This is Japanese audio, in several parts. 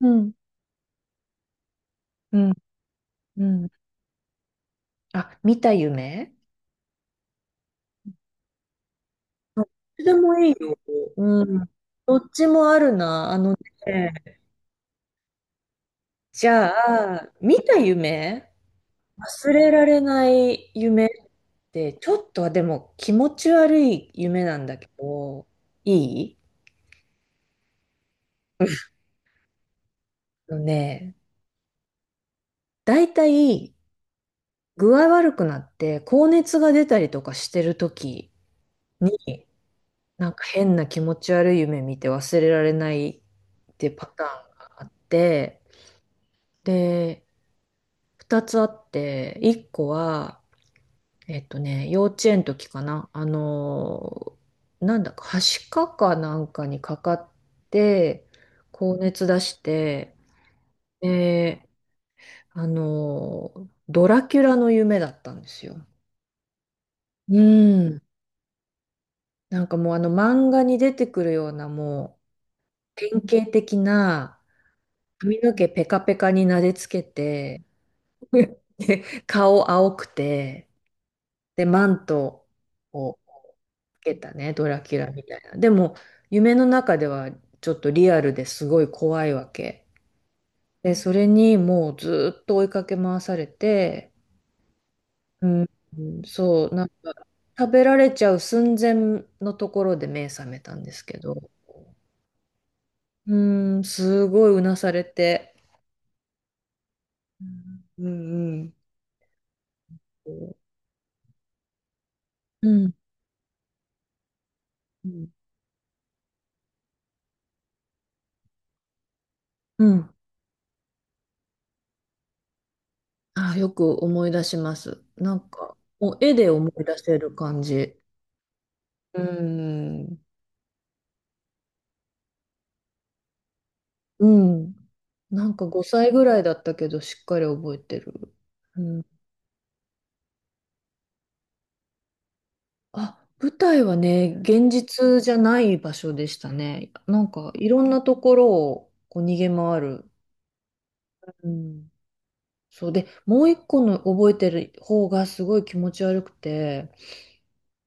うん。うん、うん。あ、見た夢。どっちでもいいよ。うん。どっちもあるな。あのね、じゃあ、見た夢、忘れられない夢って、ちょっとはでも気持ち悪い夢なんだけど、いいのね、だいたい具合悪くなって高熱が出たりとかしてる時に、なんか変な気持ち悪い夢見て忘れられないってパターンがあって、で、二つあって、一個は、幼稚園の時かな、なんだか、はしかかなんかにかかって、高熱出して、で、ドラキュラの夢だったんですよ。うん。なんかもうあの漫画に出てくるようなもう典型的な髪の毛ペカペカになでつけて、で顔青くて、で、マントをけたね、ドラキュラみたいな。でも、夢の中ではちょっとリアルですごい怖いわけ。で、それにもうずーっと追いかけ回されて、うん、うんそう、なんか食べられちゃう寸前のところで目覚めたんですけど、うん、すごいうなされて、うんうんうん。うんうん。あー、よく思い出します。なんか、もう絵で思い出せる感じ。うん。うん。なんか5歳ぐらいだったけど、しっかり覚えてる。うん。あ、舞台はね、現実じゃない場所でしたね。なんか、いろんなところをこう逃げ回る。うん。そうで、もう一個の覚えてる方がすごい気持ち悪くて、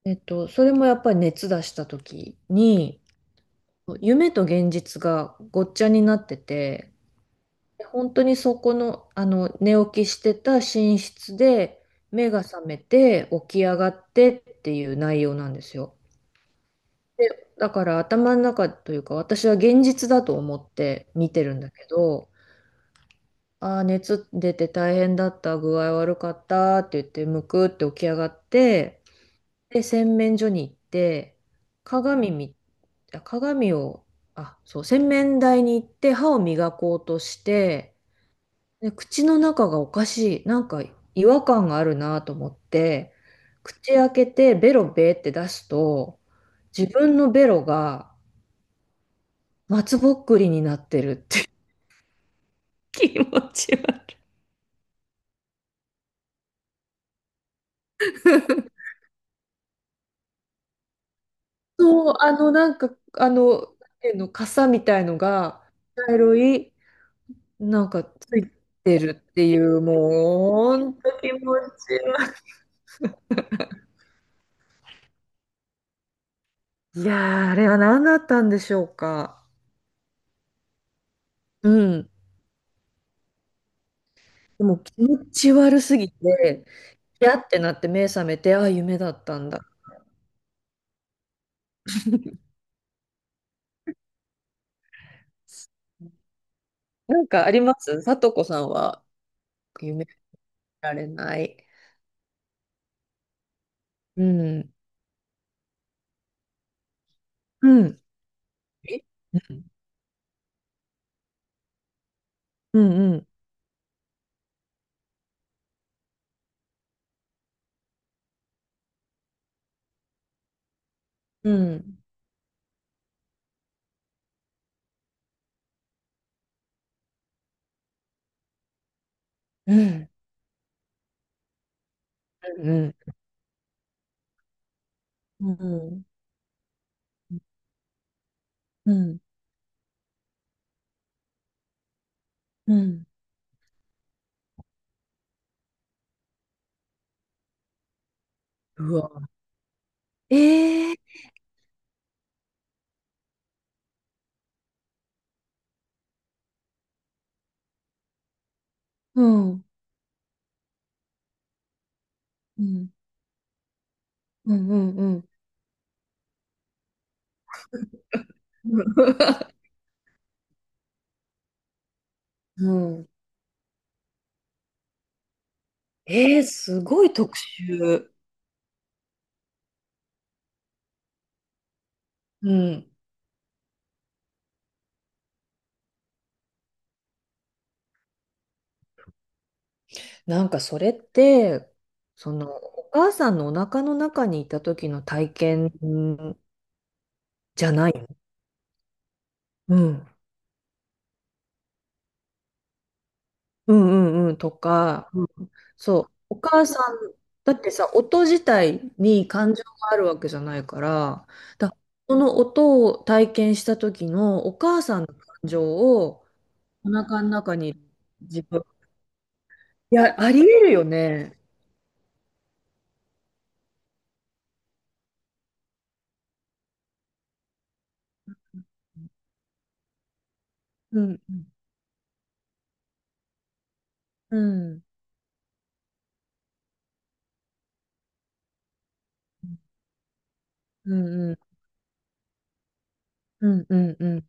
それもやっぱり熱出した時に、夢と現実がごっちゃになってて、本当にそこの、あの寝起きしてた寝室で目が覚めて起き上がってっていう内容なんですよ。で、だから頭の中というか私は現実だと思って見てるんだけど、ああ、熱出て大変だった、具合悪かったって言ってむくって起き上がって、で、洗面所に行って、鏡み、あ鏡を、あ、そう、洗面台に行って歯を磨こうとして、で、口の中がおかしい、なんか違和感があるなと思って、口開けてベロベーって出すと、自分のベロが松ぼっくりになってるって。気持ち悪い。そう、なんか、なんていうの、傘みたいのが、茶色い、なんかついてるっていう、もう、ほんと気持ち悪い。いやー、あれは何だったんでしょうか。うん。でも気持ち悪すぎて、やってなって目覚めて、あ、夢だったんだ。なんかあります、さとこさんは？夢見られない？うん。うん。えうん。うんうん。うん。うんうん。うん。うん。うわ。えー。うん。うん。うんうんうん。うん。えー、すごい特集。うん。なんかそれって、そのお母さんのお腹の中にいた時の体験じゃない？うん。うんうんうんとか、うんそう、お母さん、だってさ、音自体に感情があるわけじゃないから、だその音を体験した時のお母さんの感情をお腹の中に自分、いや、ありえるよね。うん、うん、うん、うん、うん、うん、うん、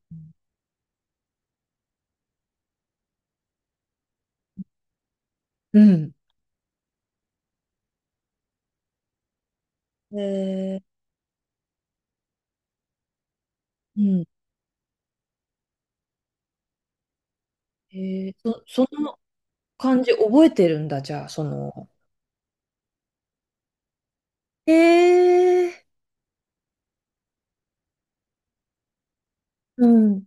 うん。えー、うん。えー、その感じ覚えてるんだ、じゃあ、その。えー、うん。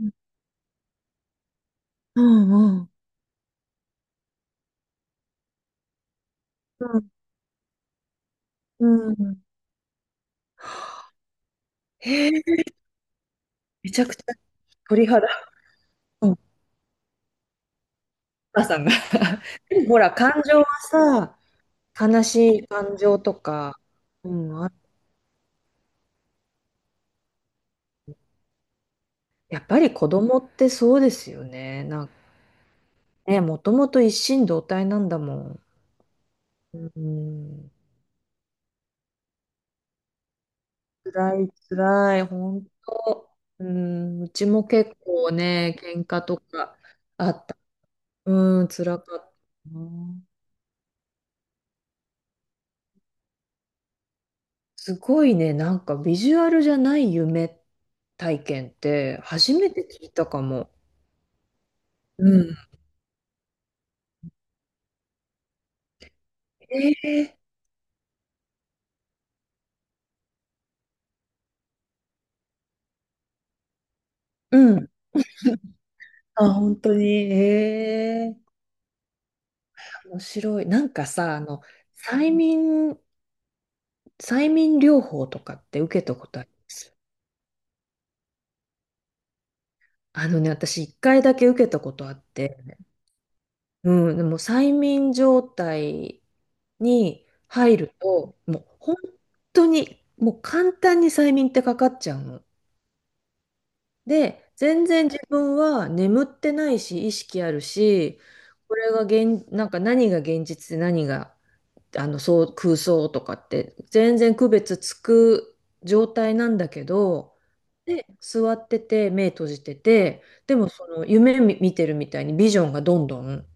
うんうん。うん。うん。へえ、めちゃくちゃ鳥肌。うんお母さんが でもほら、感情はさ、悲しい感情とか、うん、あ、やっぱり子供ってそうですよね。なんかね、もともと一心同体なんだもん。うん、辛い、辛い、本当。うん、うちも結構ね、喧嘩とかあった。うん、辛かったな。すごいね、なんかビジュアルじゃない夢体験って初めて聞いたかも。うん。ええうん。あ、本当に。ええ面白い。なんかさ、催眠、催眠療法とかって受けたことあります？あのね、私一回だけ受けたことあって、うん、でも催眠状態に入ると、もう本当に、もう簡単に催眠ってかかっちゃうの。で、全然自分は眠ってないし、意識あるし、これが現、なんか何が現実で何がそう空想とかって、全然区別つく状態なんだけど、で、座ってて、目閉じてて、でもその夢み見てるみたいにビジョンがどんどん流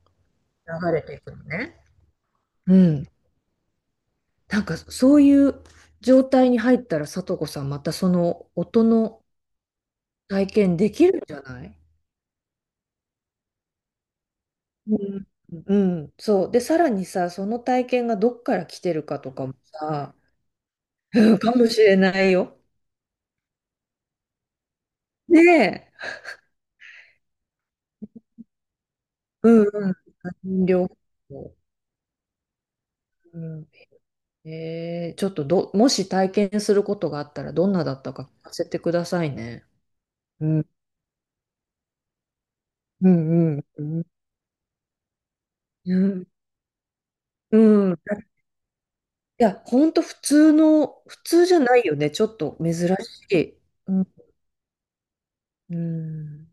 れていくのね。うん。なんかそういう状態に入ったら、さとこさん、またその音の体験できるんじゃない？うん、うんそう。で、さらにさ、その体験がどっから来てるかとかもさ、かもしれないよ。ねえ。うんうん。両方。うん、ちょっと、もし体験することがあったらどんなだったか聞かせてくださいね。うん、うん、うん、うん。うん。いや、ほんと普通の、普通じゃないよね。ちょっと珍しい。うん。うん